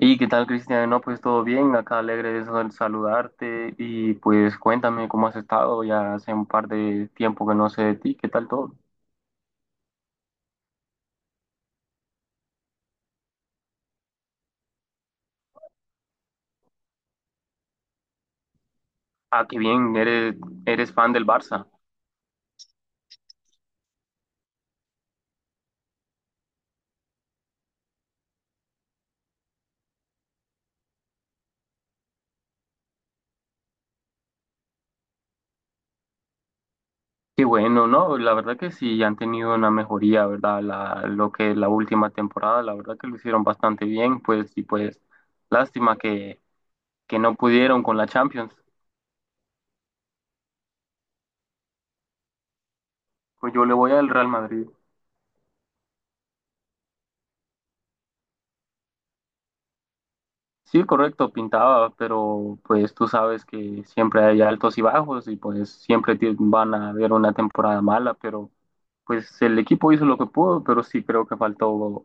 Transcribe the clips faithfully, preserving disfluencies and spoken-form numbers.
¿Y qué tal, Cristian? No, pues todo bien, acá alegre de sal- saludarte y pues cuéntame cómo has estado, ya hace un par de tiempo que no sé de ti, ¿qué tal todo? Ah, qué bien, eres, eres fan del Barça. Qué bueno, ¿no? La verdad que sí, han tenido una mejoría, ¿verdad? La, lo que la última temporada, la verdad que lo hicieron bastante bien, pues y pues lástima que, que no pudieron con la Champions. Pues yo le voy al Real Madrid. Sí, correcto, pintaba, pero pues tú sabes que siempre hay altos y bajos y pues siempre ti- van a haber una temporada mala, pero pues el equipo hizo lo que pudo, pero sí creo que faltó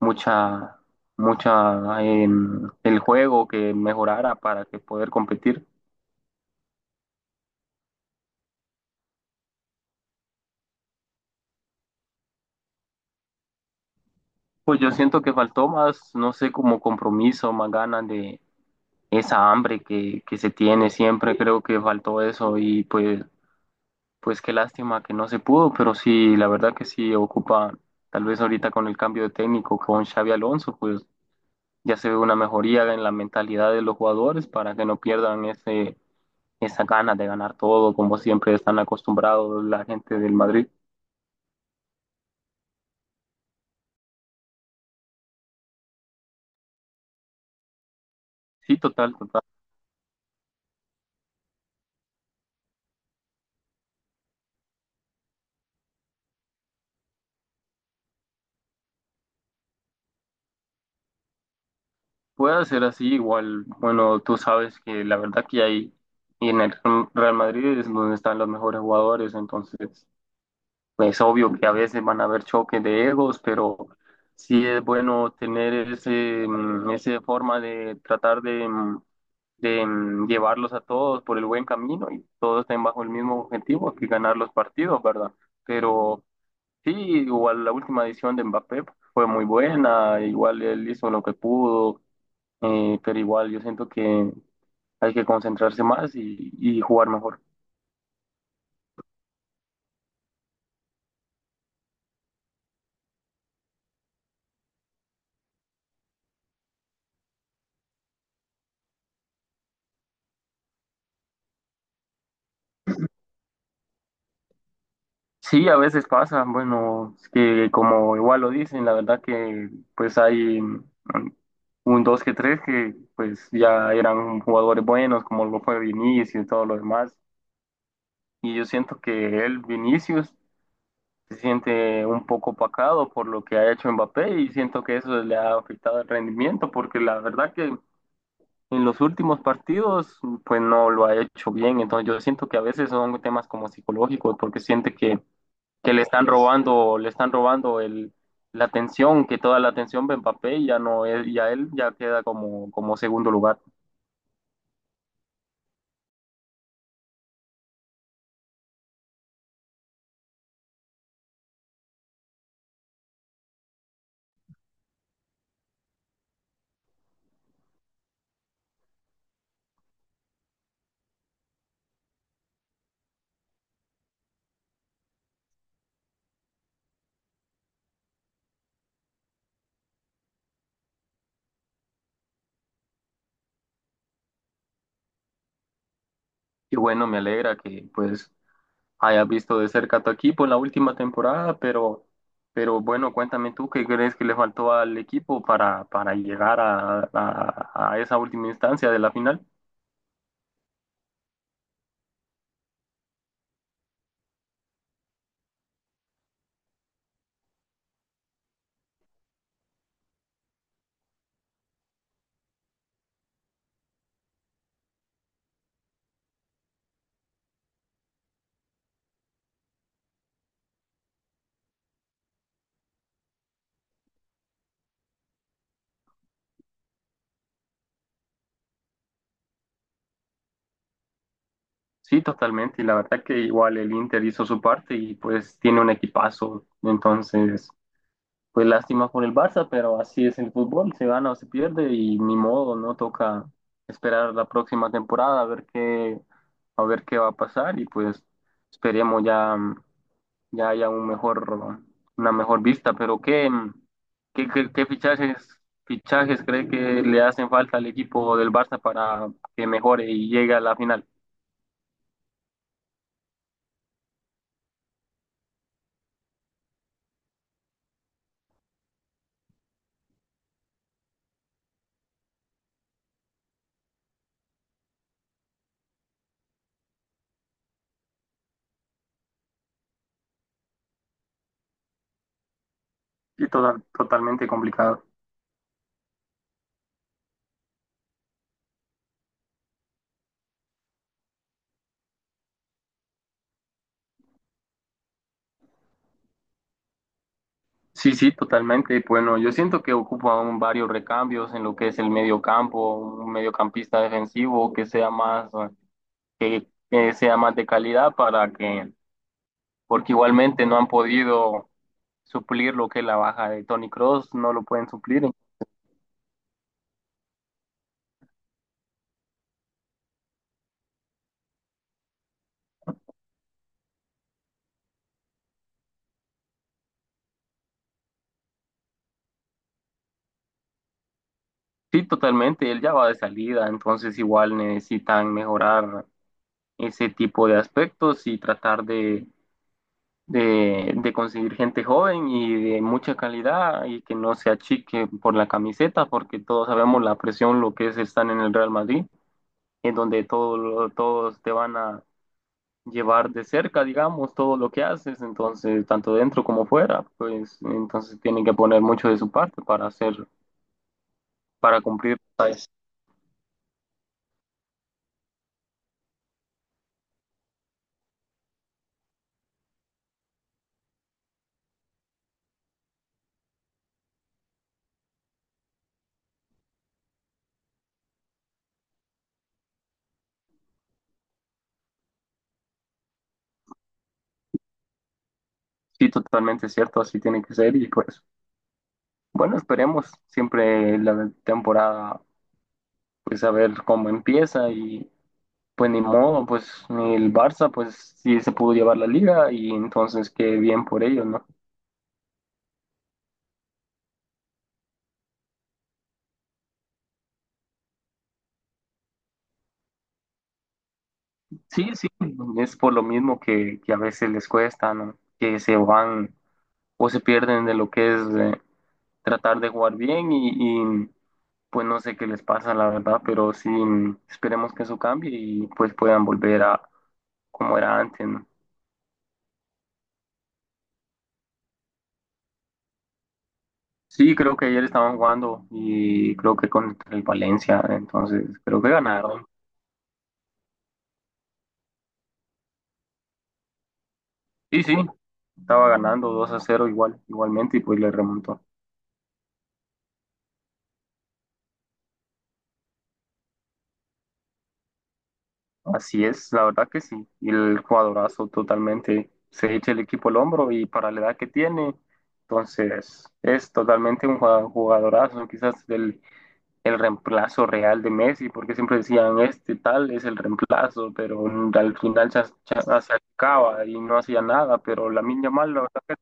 mucha, mucha en el juego que mejorara para que poder competir. Pues yo siento que faltó más, no sé, como compromiso, más ganas de esa hambre que, que se tiene siempre, creo que faltó eso y pues pues qué lástima que no se pudo, pero sí, la verdad que sí ocupa, tal vez ahorita con el cambio de técnico con Xavi Alonso, pues ya se ve una mejoría en la mentalidad de los jugadores para que no pierdan ese, esa ganas de ganar todo, como siempre están acostumbrados la gente del Madrid. Sí, total, total. Puede ser así, igual, bueno, tú sabes que la verdad que hay, y en el Real Madrid es donde están los mejores jugadores, entonces es obvio que a veces van a haber choques de egos, pero sí es bueno tener ese, mm, esa forma de tratar de, mm, de mm, llevarlos a todos por el buen camino y todos estén bajo el mismo objetivo, que ganar los partidos, ¿verdad? Pero sí, igual la última edición de Mbappé fue muy buena, igual él hizo lo que pudo, eh, pero igual yo siento que hay que concentrarse más y, y jugar mejor. Sí, a veces pasa, bueno, es que como igual lo dicen, la verdad que pues hay mm, un dos que tres que pues ya eran jugadores buenos, como lo fue Vinicius y todo lo demás. Y yo siento que él, Vinicius, se siente un poco opacado por lo que ha hecho Mbappé y siento que eso le ha afectado el rendimiento, porque la verdad que en los últimos partidos pues no lo ha hecho bien. Entonces yo siento que a veces son temas como psicológicos, porque siente que que le están robando, le están robando el, la atención, que toda la atención va en papel, ya no, él, ya él ya queda como, como segundo lugar. Y bueno, me alegra que pues hayas visto de cerca a tu equipo en la última temporada, pero, pero bueno, cuéntame tú qué crees que le faltó al equipo para, para llegar a, a, a esa última instancia de la final. Sí, totalmente. Y la verdad que igual el Inter hizo su parte y pues tiene un equipazo. Entonces, pues lástima por el Barça, pero así es el fútbol, se gana o se pierde y ni modo, no toca esperar la próxima temporada a ver qué, a ver qué va a pasar y pues esperemos ya, ya haya un mejor, una mejor vista. Pero ¿qué, qué, qué- qué fichajes, fichajes cree que le hacen falta al equipo del Barça para que mejore y llegue a la final? Sí, total totalmente complicado. Sí, sí, totalmente. Bueno, yo siento que ocupan varios recambios en lo que es el medio campo, un mediocampista defensivo que sea más, eh, que, que sea más de calidad para que, porque igualmente no han podido suplir lo que es la baja de Tony Cross, no lo pueden suplir. Sí, totalmente, él ya va de salida, entonces igual necesitan mejorar ese tipo de aspectos y tratar de de, de conseguir gente joven y de mucha calidad y que no se achique por la camiseta, porque todos sabemos la presión, lo que es estar en el Real Madrid, en donde todo, todos te van a llevar de cerca, digamos, todo lo que haces, entonces, tanto dentro como fuera, pues entonces tienen que poner mucho de su parte para hacer, para cumplir, pues. Sí, totalmente cierto, así tiene que ser y pues bueno, esperemos siempre la temporada, pues a ver cómo empieza y pues ni modo, pues ni el Barça, pues sí se pudo llevar la liga y entonces qué bien por ellos, ¿no? Sí, sí, es por lo mismo que, que a veces les cuesta, ¿no? Que se van o se pierden de lo que es eh, tratar de jugar bien y, y, pues no sé qué les pasa, la verdad, pero sí esperemos que eso cambie y pues puedan volver a como era antes, ¿no? Sí, creo que ayer estaban jugando y creo que contra el Valencia, entonces creo que ganaron. Sí, sí, estaba ganando dos a cero igual, igualmente y pues le remontó. Así es, la verdad que sí. Y el jugadorazo totalmente se echa el equipo al hombro y para la edad que tiene, entonces es totalmente un jugado- jugadorazo, quizás el, el reemplazo real de Messi, porque siempre decían este tal es el reemplazo, pero mm, al final se, se- se acaba y no hacía nada, pero la Lamine Yamal, la verdad,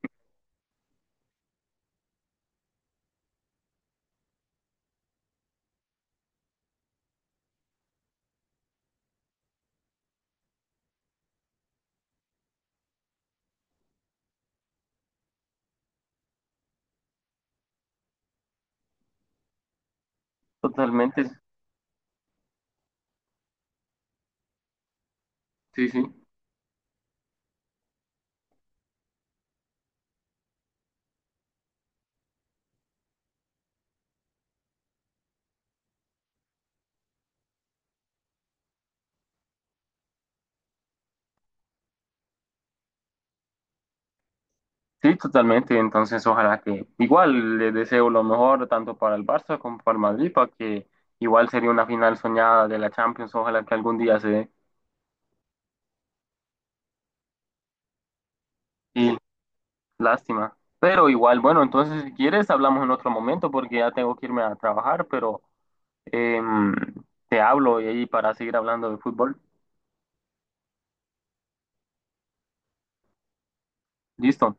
totalmente, sí, sí. Sí, totalmente. Entonces, ojalá que igual le deseo lo mejor tanto para el Barça como para el Madrid, para que igual sería una final soñada de la Champions. Ojalá que algún día se dé. Y lástima. Pero igual, bueno, entonces si quieres hablamos en otro momento porque ya tengo que irme a trabajar, pero em, te hablo y ahí para seguir hablando de fútbol. Listo.